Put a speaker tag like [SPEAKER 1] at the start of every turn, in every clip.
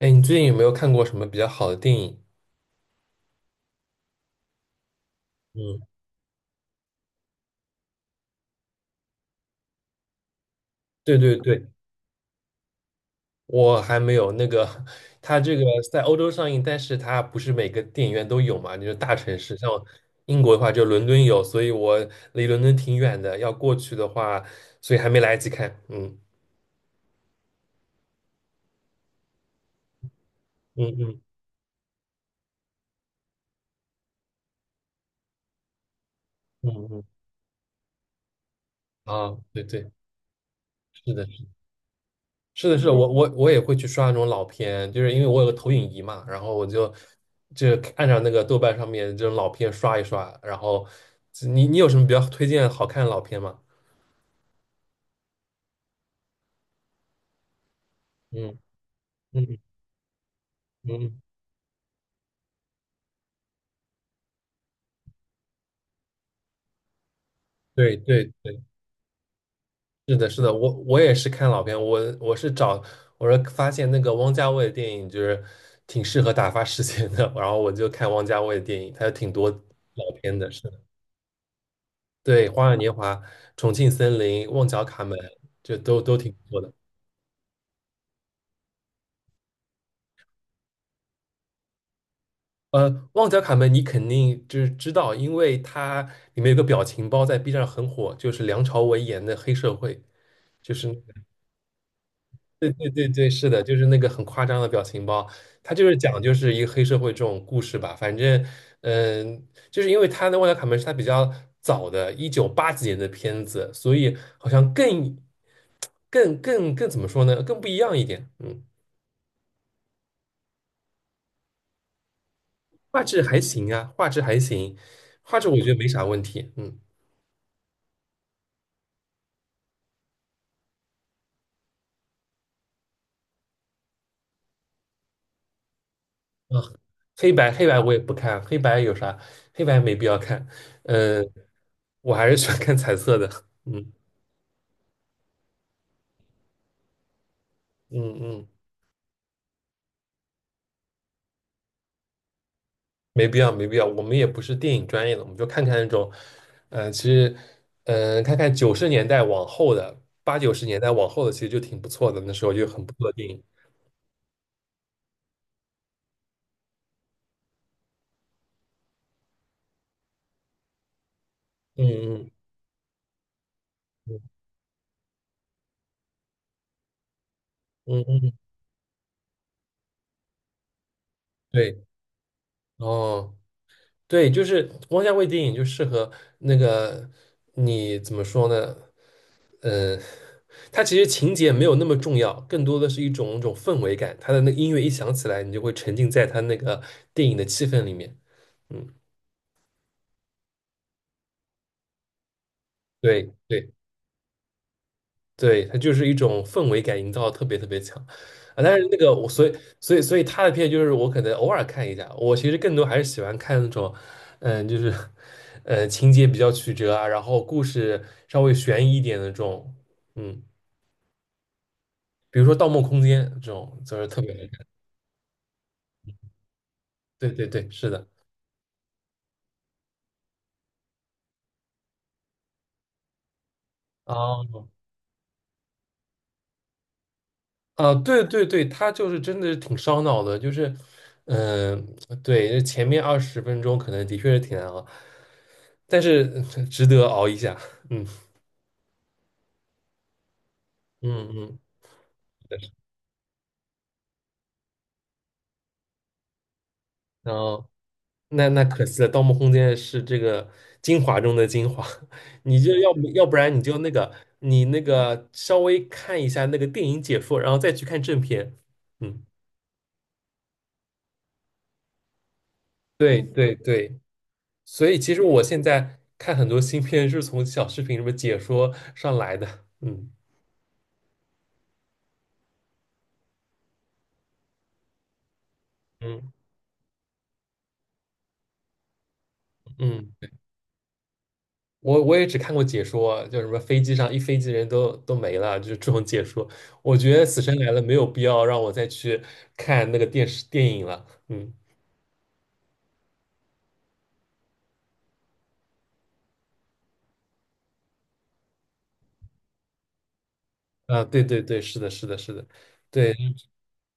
[SPEAKER 1] 哎，你最近有没有看过什么比较好的电影？嗯，对对对，我还没有那个，它这个在欧洲上映，但是它不是每个电影院都有嘛，就是大城市，像英国的话就伦敦有，所以我离伦敦挺远的，要过去的话，所以还没来得及看。嗯嗯嗯嗯嗯，啊，对对，是的。是的，是的，我也会去刷那种老片，就是因为我有个投影仪嘛，然后我就按照那个豆瓣上面这种老片刷一刷，然后你有什么比较推荐好看的老片吗？嗯嗯嗯，对对对，是的，是的，我也是看老片，我是发现那个汪家卫的电影就是挺适合打发时间的，然后我就看汪家卫的电影，他有挺多老片的，是的，对，《花样年华》《重庆森林》《旺角卡门》，就都挺不错的。旺角卡门你肯定就是知道，因为它里面有个表情包在 B 站很火，就是梁朝伟演的黑社会，就是那个对对对对，是的，就是那个很夸张的表情包，它就是讲就是一个黑社会这种故事吧。反正，嗯、就是因为他的《旺角卡门》是他比较早的，一九八几年的片子，所以好像更怎么说呢，更不一样一点。嗯，画质还行啊，画质还行，画质我觉得没啥问题。嗯。啊，黑白黑白我也不看，黑白有啥？黑白没必要看。嗯，我还是喜欢看彩色的。嗯嗯嗯，没必要没必要。我们也不是电影专业的，我们就看看那种，嗯，其实，嗯，看看九十年代往后的，八九十年代往后的，其实就挺不错的。那时候就很不错的电影。嗯嗯嗯嗯嗯，对，哦，对，就是汪家卫电影就适合那个你怎么说呢？嗯。它其实情节没有那么重要，更多的是一种氛围感。它的那个音乐一响起来，你就会沉浸在它那个电影的气氛里面。嗯，对对对，它就是一种氛围感营造得特别特别强啊。但是那个我所以他的片就是我可能偶尔看一下，我其实更多还是喜欢看那种，嗯，就是情节比较曲折啊，然后故事稍微悬疑一点的这种，嗯，比如说《盗梦空间》这种，就是特别好看。对对对，是的。哦，啊，对对对，他就是真的是挺烧脑的，就是，嗯、对，前面20分钟可能的确是挺难熬，但是值得熬一下，嗯嗯嗯，然后那那可惜了，《盗梦空间》是这个精华中的精华，你就要不然你就那个你那个稍微看一下那个电影解说，然后再去看正片，嗯，对对对。所以其实我现在看很多新片是从小视频什么解说上来的，嗯嗯嗯，我也只看过解说，就什么飞机上一飞机人都没了，就是这种解说。我觉得《死神来了》没有必要让我再去看那个电视电影了，嗯啊，对对对，是的，是的，是的，对，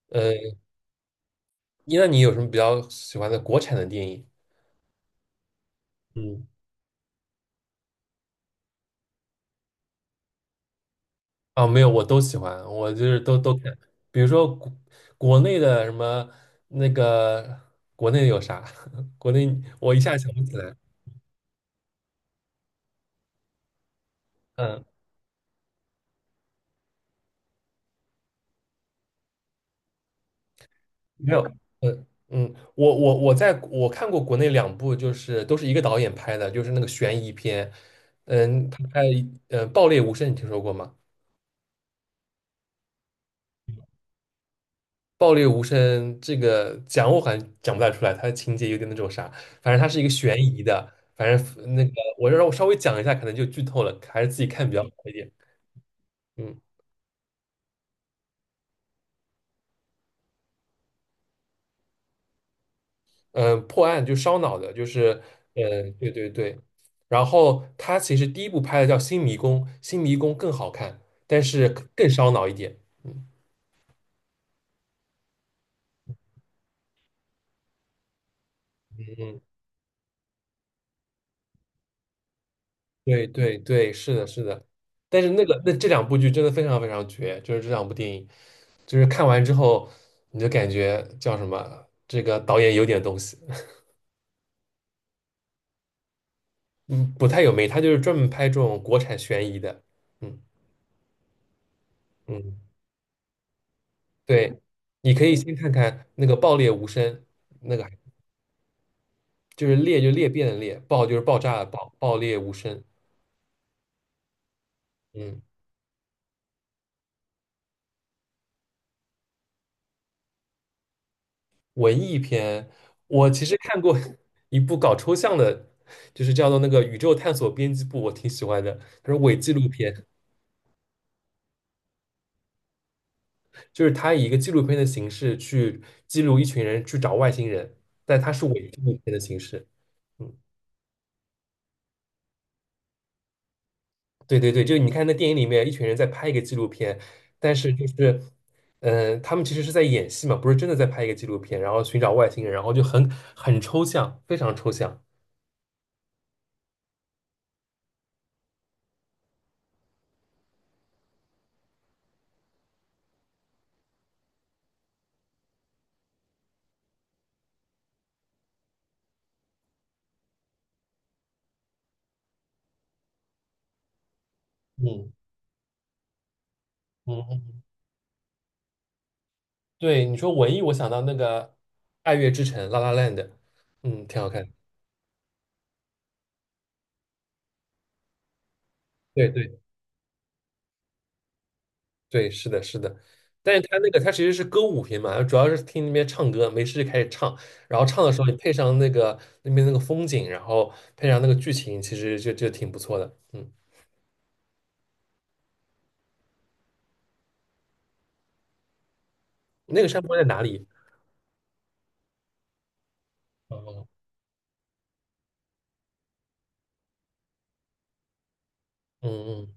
[SPEAKER 1] 呃，那你有什么比较喜欢的国产的电影？嗯。啊，没有，我都喜欢，我就是都都看，比如说国内的什么那个国内有啥，国内我一下想不起来，嗯，没有，嗯嗯，我看过国内两部，就是都是一个导演拍的，就是那个悬疑片，嗯，他拍《爆裂无声》，你听说过吗？爆裂无声这个讲我好像讲不太出来，它的情节有点那种啥，反正它是一个悬疑的，反正那个我让我稍微讲一下，可能就剧透了，还是自己看比较好一点。嗯嗯，破案就烧脑的，就是嗯，对对对。然后他其实第一部拍的叫《新迷宫》，《新迷宫》更好看，但是更烧脑一点。嗯嗯对对对，是的，是的。但是那个那这两部剧真的非常非常绝，就是这两部电影，就是看完之后你就感觉叫什么，这个导演有点东西，嗯，不太有没，他就是专门拍这种国产悬疑的，嗯嗯，对，你可以先看看那个《爆裂无声》，那个就是裂就裂变的裂，爆就是爆炸的爆，爆裂无声，嗯。文艺片，我其实看过 一部搞抽象的，就是叫做那个《宇宙探索编辑部》，我挺喜欢的。它是伪纪录片，就是它以一个纪录片的形式去记录一群人去找外星人，但它是伪纪录片的形式。嗯，对对对，就是你看那电影里面，一群人在拍一个纪录片，但是就是，嗯、他们其实是在演戏嘛，不是真的在拍一个纪录片，然后寻找外星人，然后就很抽象，非常抽象。嗯嗯对，你说文艺，我想到那个《爱乐之城》La La Land，嗯，挺好看。对对对，是的，是的。但是他那个他其实是歌舞片嘛，主要是听那边唱歌，没事就开始唱，然后唱的时候你配上那个那边那个风景，然后配上那个剧情，其实就就挺不错的。嗯，那个山坡在哪里？哦，嗯嗯，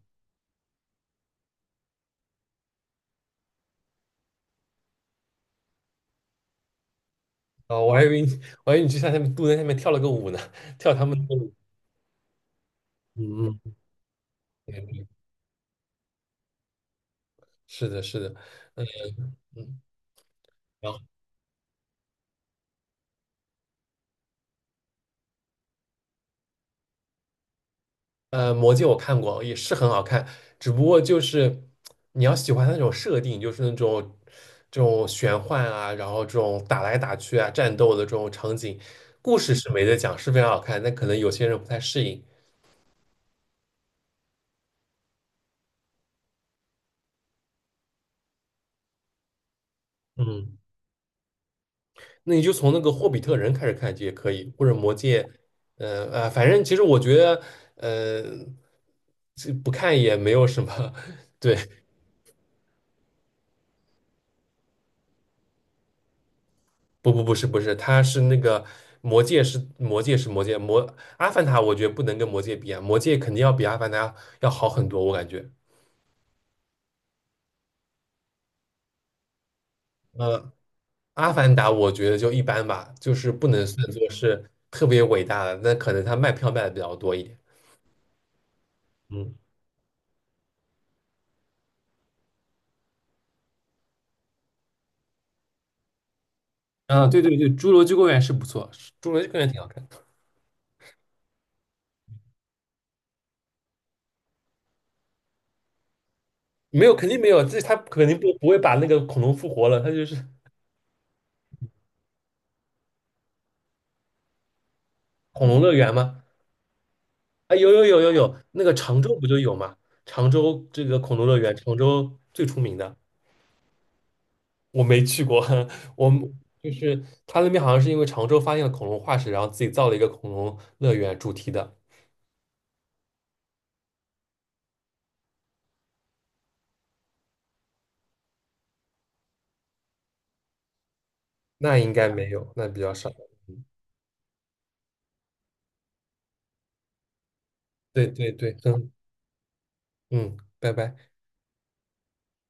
[SPEAKER 1] 哦，我还以为你去下面路在下面跳了个舞呢，跳他们的舞。嗯嗯，对对是的，是的，嗯嗯。嗯然后。魔戒我看过，也是很好看，只不过就是你要喜欢它那种设定，就是那种这种玄幻啊，然后这种打来打去啊，战斗的这种场景，故事是没得讲，是非常好看，但可能有些人不太适应。嗯，那你就从那个《霍比特人》开始看就也可以，或者《魔戒》反正其实我觉得，呃，这不看也没有什么，对。不是，他是那个魔戒是魔戒是魔戒魔阿凡达，我觉得不能跟魔戒比啊，魔戒肯定要比阿凡达要好很多，我感觉。呃，阿凡达我觉得就一般吧，就是不能算作是特别伟大的，那可能他卖票卖的比较多一点。嗯，啊，对对对，《侏罗纪公园》是不错，侏罗纪公园挺好看的没有肯定没有，这他肯定不会把那个恐龙复活了，他就是恐龙乐园嘛。哎，有有有有有，那个常州不就有吗？常州这个恐龙乐园，常州最出名的，我没去过。我们就是他那边好像是因为常州发现了恐龙化石，然后自己造了一个恐龙乐园主题的，那应该没有，那比较少。对对对，嗯嗯，拜拜。